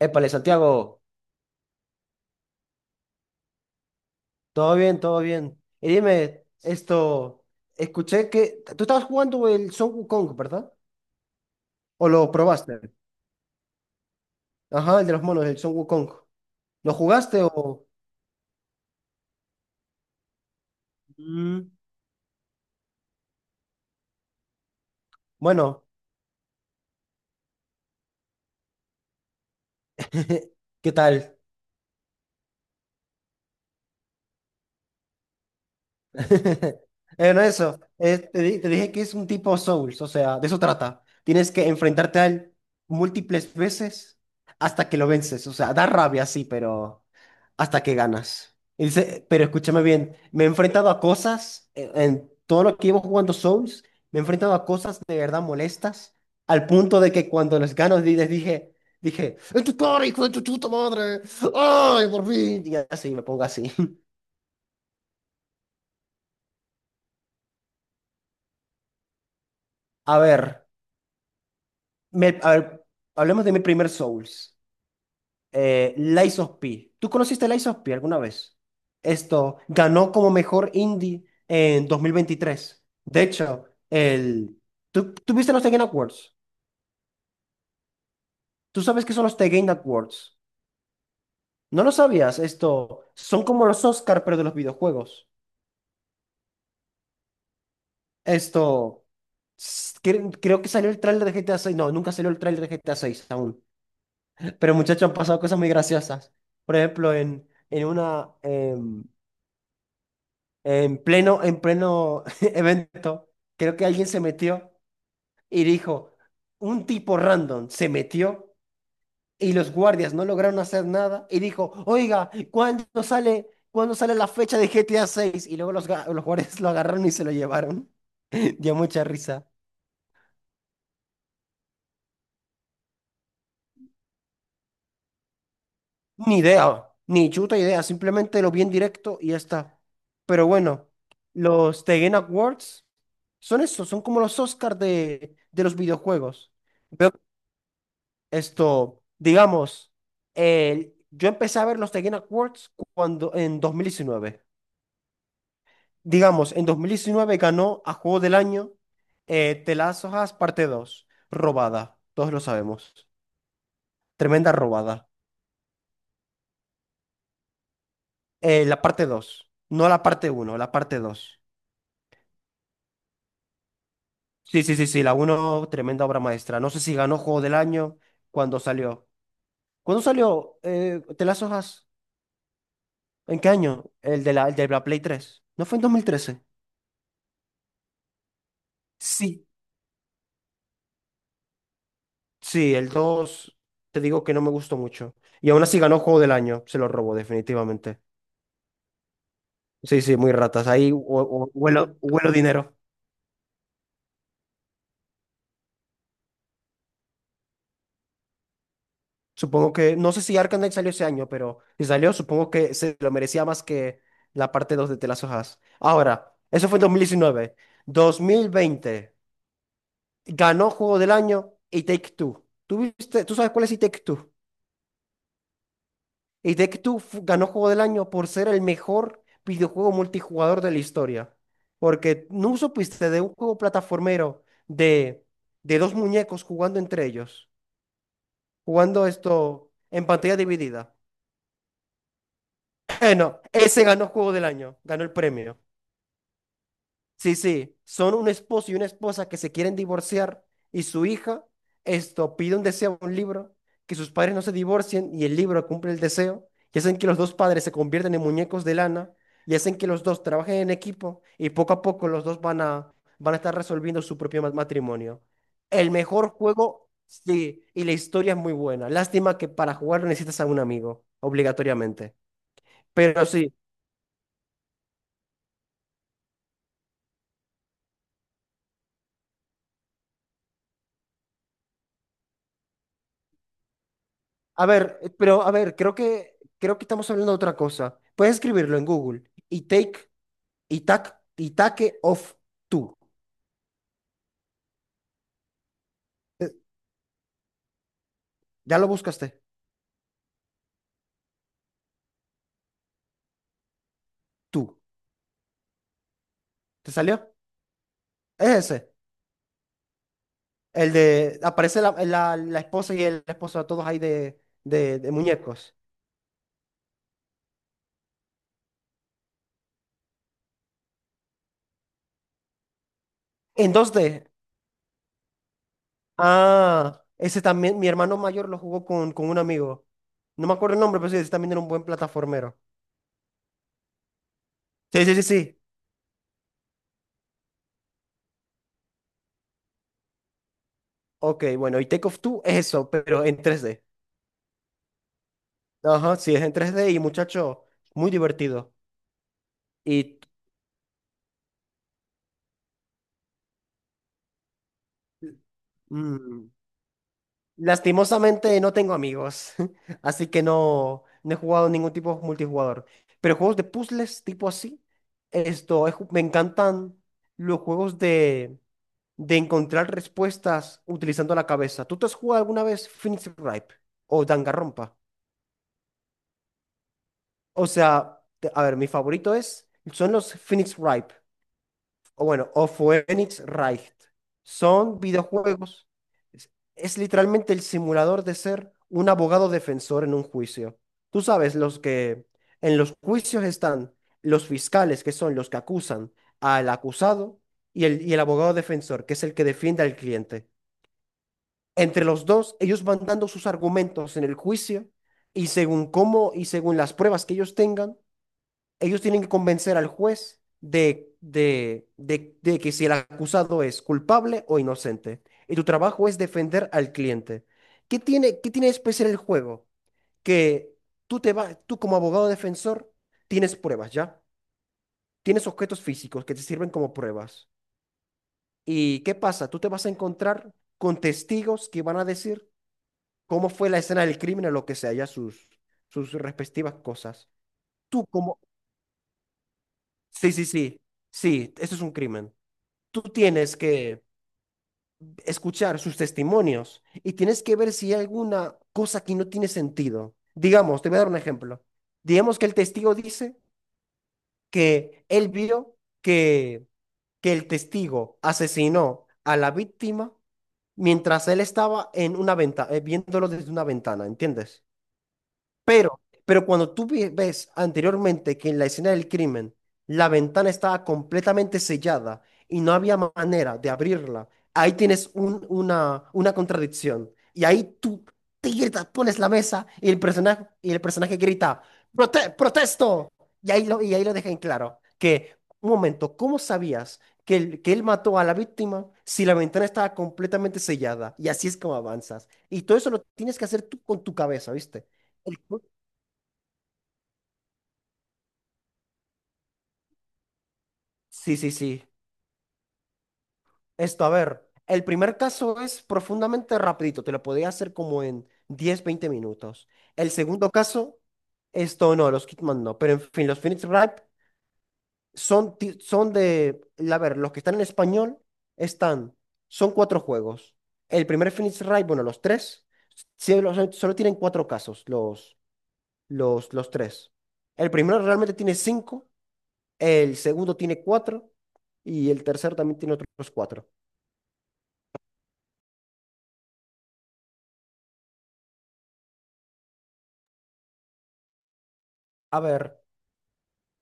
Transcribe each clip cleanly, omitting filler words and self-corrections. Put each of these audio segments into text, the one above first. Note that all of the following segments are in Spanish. Épale, Santiago, todo bien, todo bien. Y dime, escuché que tú estabas jugando el Son Wukong, ¿verdad? ¿O lo probaste? Ajá, el de los monos, el Son Wukong. ¿Lo jugaste o...? Mm, bueno. ¿Qué tal? No eso, te dije que es un tipo Souls, o sea, de eso trata. Tienes que enfrentarte a él múltiples veces hasta que lo vences. O sea, da rabia, sí, pero hasta que ganas. Y dice, pero escúchame bien, me he enfrentado a cosas, en todo lo que llevo jugando Souls, me he enfrentado a cosas de verdad molestas, al punto de que cuando los gano les dije, dije, ¡Es tu cara, hijo de tu chuta madre! ¡Ay, por fin! Y así, me pongo así. A ver. A ver, hablemos de mi primer Souls. Lies of P. ¿Tú conociste Lies of P alguna vez? Esto ganó como mejor indie en 2023. De hecho, el... tú viste los The Game Awards? ¿Tú sabes qué son los The Game Awards? ¿No lo sabías? Esto son como los Oscar, pero de los videojuegos. Esto... Creo que salió el tráiler de GTA 6. No, nunca salió el tráiler de GTA 6 aún. Pero muchachos, han pasado cosas muy graciosas. Por ejemplo, en una... en pleno, en pleno evento, creo que alguien se metió y dijo, un tipo random se metió y los guardias no lograron hacer nada y dijo, oiga, cuándo sale la fecha de GTA 6? Y luego los guardias lo agarraron y se lo llevaron. Dio mucha risa. Ni idea, ni chuta idea, simplemente lo vi en directo y ya está. Pero bueno, los The Game Awards son eso, son como los Oscars de los videojuegos. Esto, digamos, yo empecé a ver los The Game Awards cuando, en dos mil diecinueve. Digamos, en 2019 ganó a Juego del Año The Last of Us parte dos, robada, todos lo sabemos. Tremenda robada. La parte dos, no la parte uno, la parte dos. Sí, la uno tremenda obra maestra. No sé si ganó Juego del Año cuando salió. ¿Cuándo salió The Last of Us? ¿En qué año? El de la Play tres. ¿No fue en dos mil trece? Sí, sí, el 2 te digo que no me gustó mucho. Y aún así ganó Juego del Año, se lo robó definitivamente. Sí, sí, muy ratas. Ahí huelo, huelo dinero. Supongo que, no sé si Arkham Knight salió ese año, pero si salió, supongo que se lo merecía más que la parte 2 de The Last of Us. Ahora, eso fue en 2019. Dos mil veinte ganó Juego del Año y Take Two. Tú sabes cuál es y Take Two? Y Take Two ganó Juego del Año por ser el mejor videojuego multijugador de la historia. Porque no supiste de un juego plataformero de dos muñecos jugando entre ellos, jugando esto en pantalla dividida. No, ese ganó Juego del Año, ganó el premio. Sí, sí, son un esposo y una esposa que se quieren divorciar y su hija, esto, pide un deseo, un libro, que sus padres no se divorcien, y el libro cumple el deseo y hacen que los dos padres se convierten en muñecos de lana y hacen que los dos trabajen en equipo y poco a poco los dos van a estar resolviendo su propio matrimonio. El mejor juego, sí, y la historia es muy buena. Lástima que para jugarlo necesitas a un amigo, obligatoriamente. Pero sí. Pero a ver, creo que estamos hablando de otra cosa. Puedes escribirlo en Google. Y take, y take off tú. Eh, Ya lo buscaste. Tú. ¿Te salió? Es ese. El de aparece la esposa y el esposo, todos ahí de, de muñecos. En dos d. Ah, ese también, mi hermano mayor lo jugó con un amigo. No me acuerdo el nombre, pero sí, ese también era un buen plataformero. Sí, sí, sí, sí. Ok, bueno, y Take Off Two es eso, pero en tres d. Ajá, sí, es en tres d y muchacho, muy divertido. Y mm, lastimosamente no tengo amigos, así que no, no he jugado ningún tipo de multijugador. Pero juegos de puzzles tipo así, esto, me encantan los juegos de encontrar respuestas utilizando la cabeza. ¿Tú te has jugado alguna vez Phoenix Ripe o Danganronpa? O sea, a ver, mi favorito es, son los Phoenix Ripe. O bueno, o Phoenix Wright. Son videojuegos. Es, es literalmente el simulador de ser un abogado defensor en un juicio. Tú sabes, los que en los juicios están los fiscales, que son los que acusan al acusado, y el abogado defensor, que es el que defiende al cliente. Entre los dos, ellos van dando sus argumentos en el juicio y según cómo y según las pruebas que ellos tengan, ellos tienen que convencer al juez de que si el acusado es culpable o inocente. Y tu trabajo es defender al cliente. Qué tiene de especial el juego? Que tú, te vas tú como abogado defensor tienes pruebas, ¿ya? Tienes objetos físicos que te sirven como pruebas. ¿Y qué pasa? Tú te vas a encontrar con testigos que van a decir cómo fue la escena del crimen o lo que sea, ya sus, sus respectivas cosas. Tú como... Sí, sí, sí. Sí, eso es un crimen. Tú tienes que escuchar sus testimonios y tienes que ver si hay alguna cosa que no tiene sentido. Digamos, te voy a dar un ejemplo. Digamos que el testigo dice que él vio que el testigo asesinó a la víctima mientras él estaba en una ventana, viéndolo desde una ventana, ¿entiendes? Pero cuando tú ves anteriormente que en la escena del crimen la ventana estaba completamente sellada y no había manera de abrirla, ahí tienes una contradicción. Y ahí tú te gritas, pones la mesa y el personaje grita, Protesto!" Y ahí lo deja en claro que, un momento, ¿cómo sabías que, que él mató a la víctima si la ventana estaba completamente sellada? Y así es como avanzas. Y todo eso lo tienes que hacer tú con tu cabeza, ¿viste? Sí, sí, sí. Esto, a ver, el primer caso es profundamente rapidito, te lo podía hacer como en 10, 20 minutos. El segundo caso, esto no, los Kidman no, pero en fin, los Phoenix Wright son, son de, a ver, los que están en español están, son cuatro juegos. El primer Phoenix Wright, bueno, los tres, sí, solo tienen cuatro casos, los tres. El primero realmente tiene cinco, el segundo tiene cuatro y el tercero también tiene otros cuatro. A ver,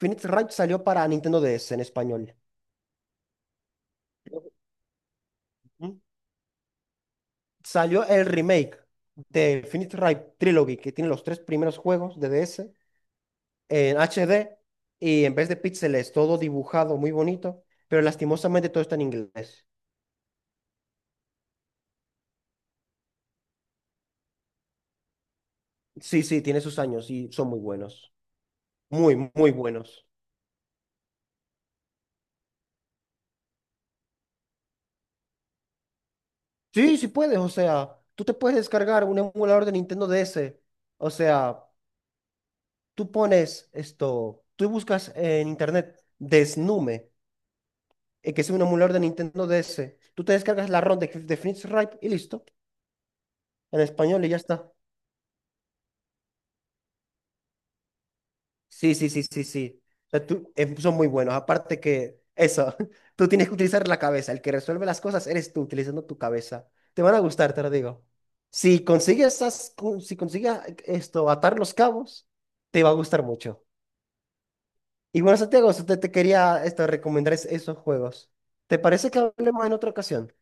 Phoenix Ranch salió para Nintendo DS en español. ¿Mm? Salió el remake de Phoenix Wright Trilogy, que tiene los tres primeros juegos de DS en HD y en vez de píxeles, todo dibujado muy bonito, pero lastimosamente todo está en inglés. Sí, sí, tiene sus años y son muy buenos. Muy, muy buenos. Sí, sí puedes, o sea, tú te puedes descargar un emulador de Nintendo DS. O sea, tú pones esto, tú buscas en internet Desnume que es un emulador de Nintendo DS. Tú te descargas la ROM de Phoenix Wright y listo, en español y ya está. Sí, sí, sí, sí, sí. O sea, son muy buenos. Aparte que eso, tú tienes que utilizar la cabeza. El que resuelve las cosas eres tú, utilizando tu cabeza. Te van a gustar, te lo digo. Si consigues esas, si consigues esto, atar los cabos, te va a gustar mucho. Y bueno, Santiago, eso te quería recomendar esos juegos. ¿Te parece que hablemos en otra ocasión?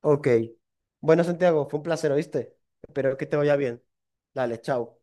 Ok. Bueno, Santiago, fue un placer, ¿oíste? Espero que te vaya bien. Dale, chao.